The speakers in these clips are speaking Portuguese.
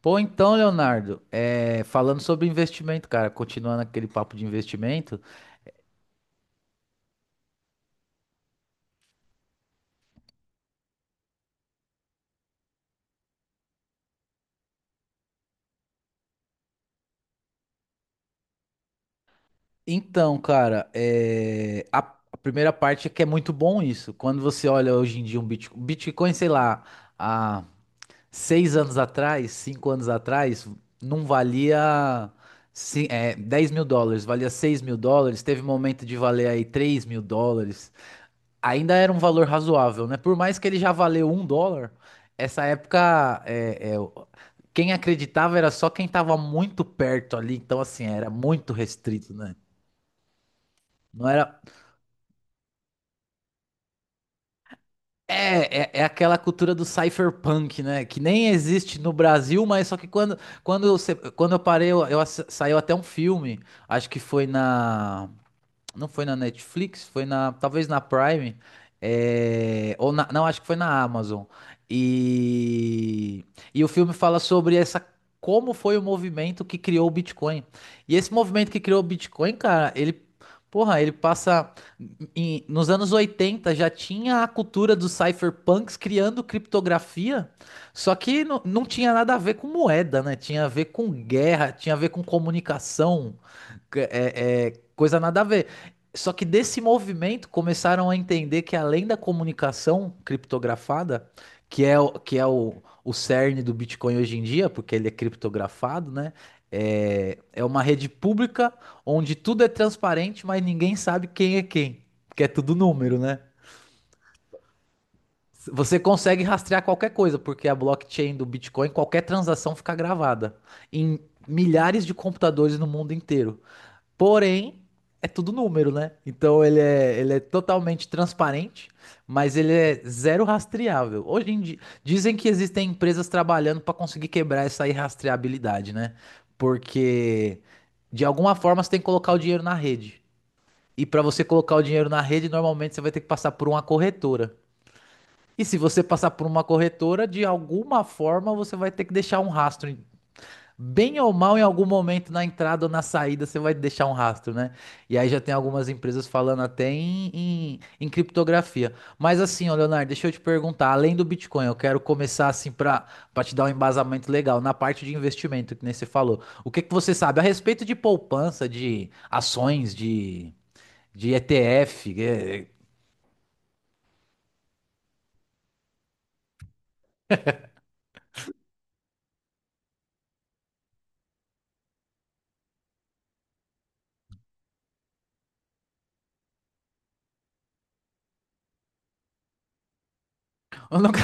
Pô, então, Leonardo, falando sobre investimento, cara, continuando aquele papo de investimento. Então, cara, a primeira parte é que é muito bom isso. Quando você olha hoje em dia um Bitcoin, sei lá, há seis anos atrás, cinco anos atrás, não valia 10 mil dólares, valia 6 mil dólares. Teve momento de valer aí 3 mil dólares. Ainda era um valor razoável, né? Por mais que ele já valeu um dólar, essa época, quem acreditava era só quem estava muito perto ali, então assim, era muito restrito, né? Não era. É aquela cultura do cypherpunk, né? Que nem existe no Brasil, mas só que eu, se- quando eu parei, saiu até um filme, acho que foi na. Não foi na Netflix, foi na, talvez na Prime, é, ou na, não, acho que foi na Amazon. E, e o filme fala sobre essa como foi o movimento que criou o Bitcoin. E esse movimento que criou o Bitcoin, cara, ele, porra, ele passa nos anos 80 já tinha a cultura dos cypherpunks criando criptografia, só que não tinha nada a ver com moeda, né? Tinha a ver com guerra, tinha a ver com comunicação que É, é coisa nada a ver. Só que desse movimento começaram a entender que além da comunicação criptografada, que é o cerne do Bitcoin hoje em dia, porque ele é criptografado, né? É uma rede pública onde tudo é transparente, mas ninguém sabe quem é quem, porque é tudo número, né? Você consegue rastrear qualquer coisa, porque a blockchain do Bitcoin, qualquer transação fica gravada em milhares de computadores no mundo inteiro. Porém, é tudo número, né? Então ele é totalmente transparente, mas ele é zero rastreável. Hoje em dia, dizem que existem empresas trabalhando para conseguir quebrar essa irrastreabilidade, né? Porque de alguma forma você tem que colocar o dinheiro na rede. E para você colocar o dinheiro na rede, normalmente você vai ter que passar por uma corretora. E se você passar por uma corretora, de alguma forma você vai ter que deixar um rastro. Bem ou mal, em algum momento na entrada ou na saída, você vai deixar um rastro, né? E aí já tem algumas empresas falando até em criptografia. Mas assim, ó, Leonardo, deixa eu te perguntar, além do Bitcoin, eu quero começar assim para para te dar um embasamento legal na parte de investimento, que nem você falou. O que que você sabe a respeito de poupança, de ações, de ETF? É, eu nunca-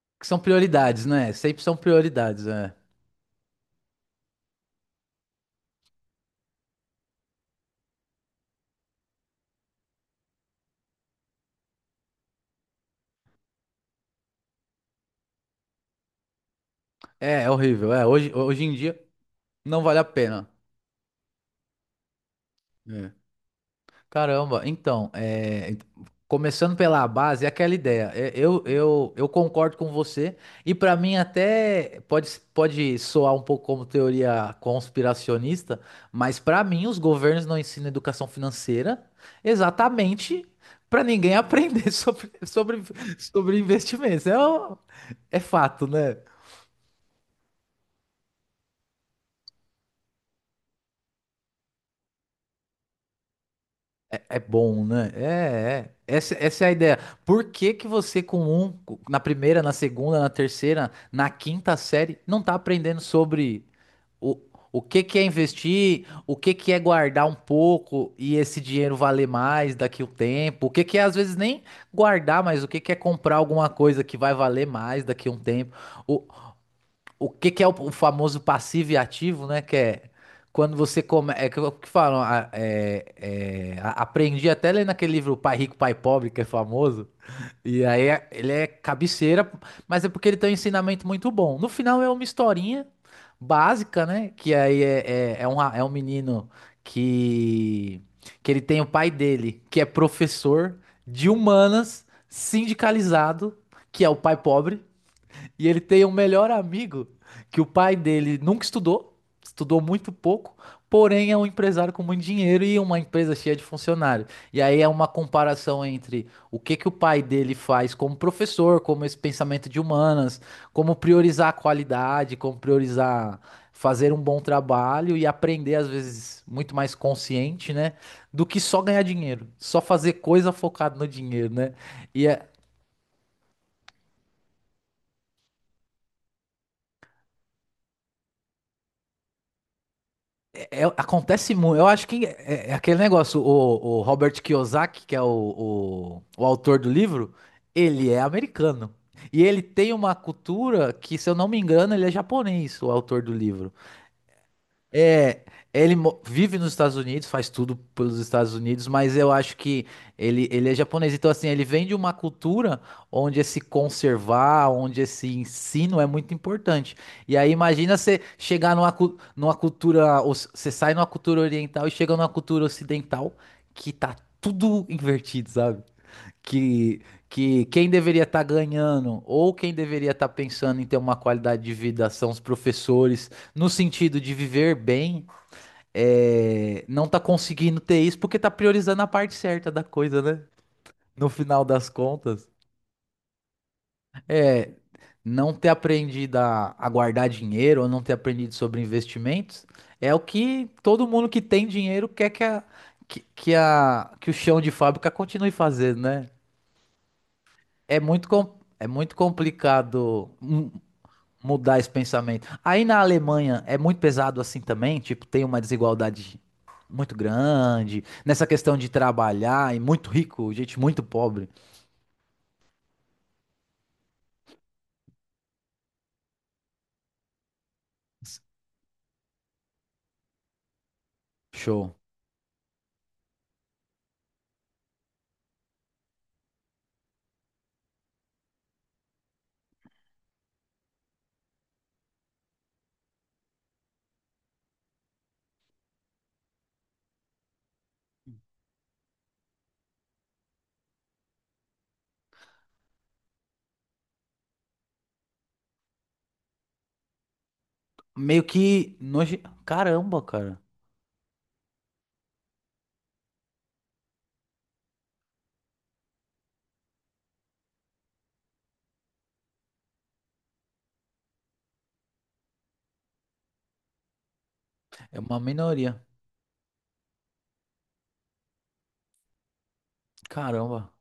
Que são prioridades, né? Sempre são prioridades, né? É, é horrível. É, hoje em dia não vale a pena. É. Caramba, então, é, começando pela base, é aquela ideia. É, eu concordo com você, e para mim até pode, pode soar um pouco como teoria conspiracionista, mas para mim os governos não ensinam educação financeira exatamente para ninguém aprender sobre investimentos. É fato, né? É é bom, né? É, é. Essa é a ideia. Por que que você com na primeira, na segunda, na terceira, na quinta série, não tá aprendendo sobre o, o que que é investir, o que que é guardar um pouco e esse dinheiro valer mais daqui o tempo, o que que é às vezes nem guardar, mas o que que é comprar alguma coisa que vai valer mais daqui um tempo. O que que é o famoso passivo e ativo, né? Que é quando você come, é que, é o que falam, aprendi até ler naquele livro Pai Rico, Pai Pobre, que é famoso. E aí ele é cabeceira, mas é porque ele tem um ensinamento muito bom. No final é uma historinha básica, né? Que aí é um, é um menino que ele tem o pai dele, que é professor de humanas, sindicalizado, que é o pai pobre. E ele tem um melhor amigo que o pai dele nunca estudou, estudou muito pouco, porém é um empresário com muito dinheiro e uma empresa cheia de funcionários. E aí é uma comparação entre o que que o pai dele faz como professor, como esse pensamento de humanas, como priorizar a qualidade, como priorizar fazer um bom trabalho e aprender às vezes muito mais consciente, né, do que só ganhar dinheiro, só fazer coisa focada no dinheiro, né? E é, acontece muito. Eu acho que é aquele negócio. O Robert Kiyosaki, que é o autor do livro, ele é americano. E ele tem uma cultura que, se eu não me engano, ele é japonês, o autor do livro. É, vive nos Estados Unidos, faz tudo pelos Estados Unidos, mas eu acho que ele é japonês. Então, assim, ele vem de uma cultura onde esse conservar, onde esse ensino é muito importante. E aí, imagina você chegar numa cultura, você sai numa cultura oriental e chega numa cultura ocidental que tá tudo invertido, sabe? que, que quem deveria estar ganhando ou quem deveria estar pensando em ter uma qualidade de vida são os professores, no sentido de viver bem, é, não tá conseguindo ter isso porque tá priorizando a parte certa da coisa, né? No final das contas, é não ter aprendido a guardar dinheiro ou não ter aprendido sobre investimentos é o que todo mundo que tem dinheiro quer que o chão de fábrica continue fazendo, né? É muito, é muito complicado mudar esse pensamento. Aí na Alemanha é muito pesado assim também, tipo, tem uma desigualdade muito grande nessa questão de trabalhar e muito rico, gente muito pobre. Show. Meio que noje... Caramba, cara. É uma minoria. Caramba.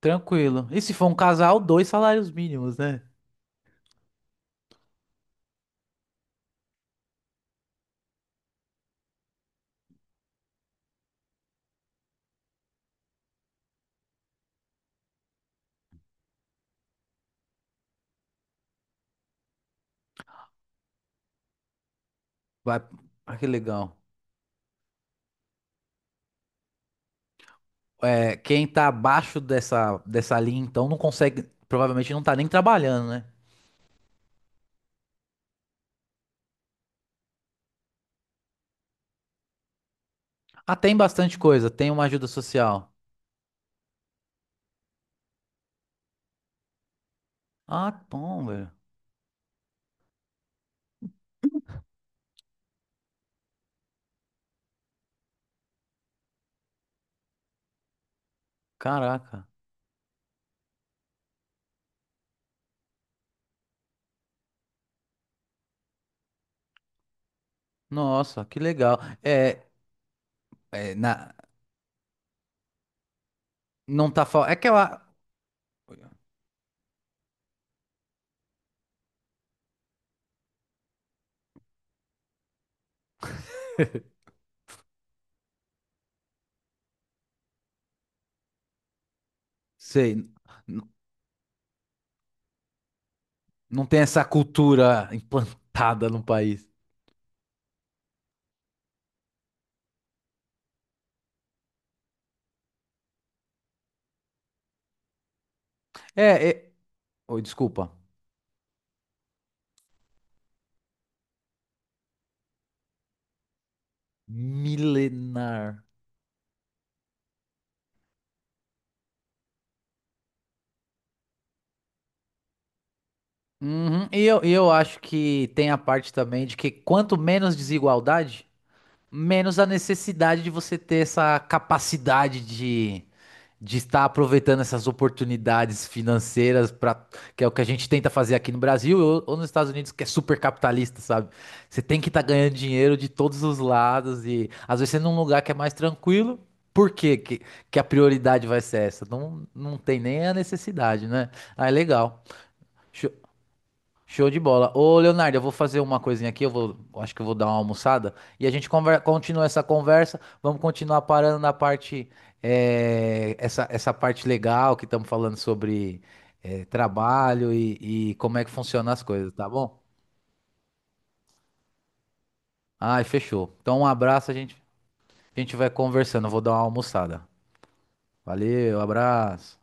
Tranquilo. E se for um casal, dois salários mínimos, né? Vai. Ah, que legal. É, quem tá abaixo dessa, linha, então, não consegue. Provavelmente não tá nem trabalhando, né? Ah, tem bastante coisa. Tem uma ajuda social. Ah, bom, velho. Caraca. Nossa, que legal. É, é, na, não tá falando. É que eu sei, n- n- não tem essa cultura implantada no país. É, é, oi, desculpa. Milenar. Uhum. E eu acho que tem a parte também de que quanto menos desigualdade, menos a necessidade de você ter essa capacidade de estar aproveitando essas oportunidades financeiras para que é o que a gente tenta fazer aqui no Brasil ou nos Estados Unidos, que é super capitalista, sabe? Você tem que estar ganhando dinheiro de todos os lados e às vezes você é num lugar que é mais tranquilo, por quê que a prioridade vai ser essa? Não, não tem nem a necessidade, né? Ah, é legal. Show de bola. Ô, Leonardo, eu vou fazer uma coisinha aqui, eu acho que eu vou dar uma almoçada e a gente continua essa conversa. Vamos continuar parando na parte, essa parte legal que estamos falando sobre, eh, trabalho e como é que funcionam as coisas, tá bom? Ai, fechou. Então, um abraço, a gente vai conversando. Eu vou dar uma almoçada. Valeu, abraço.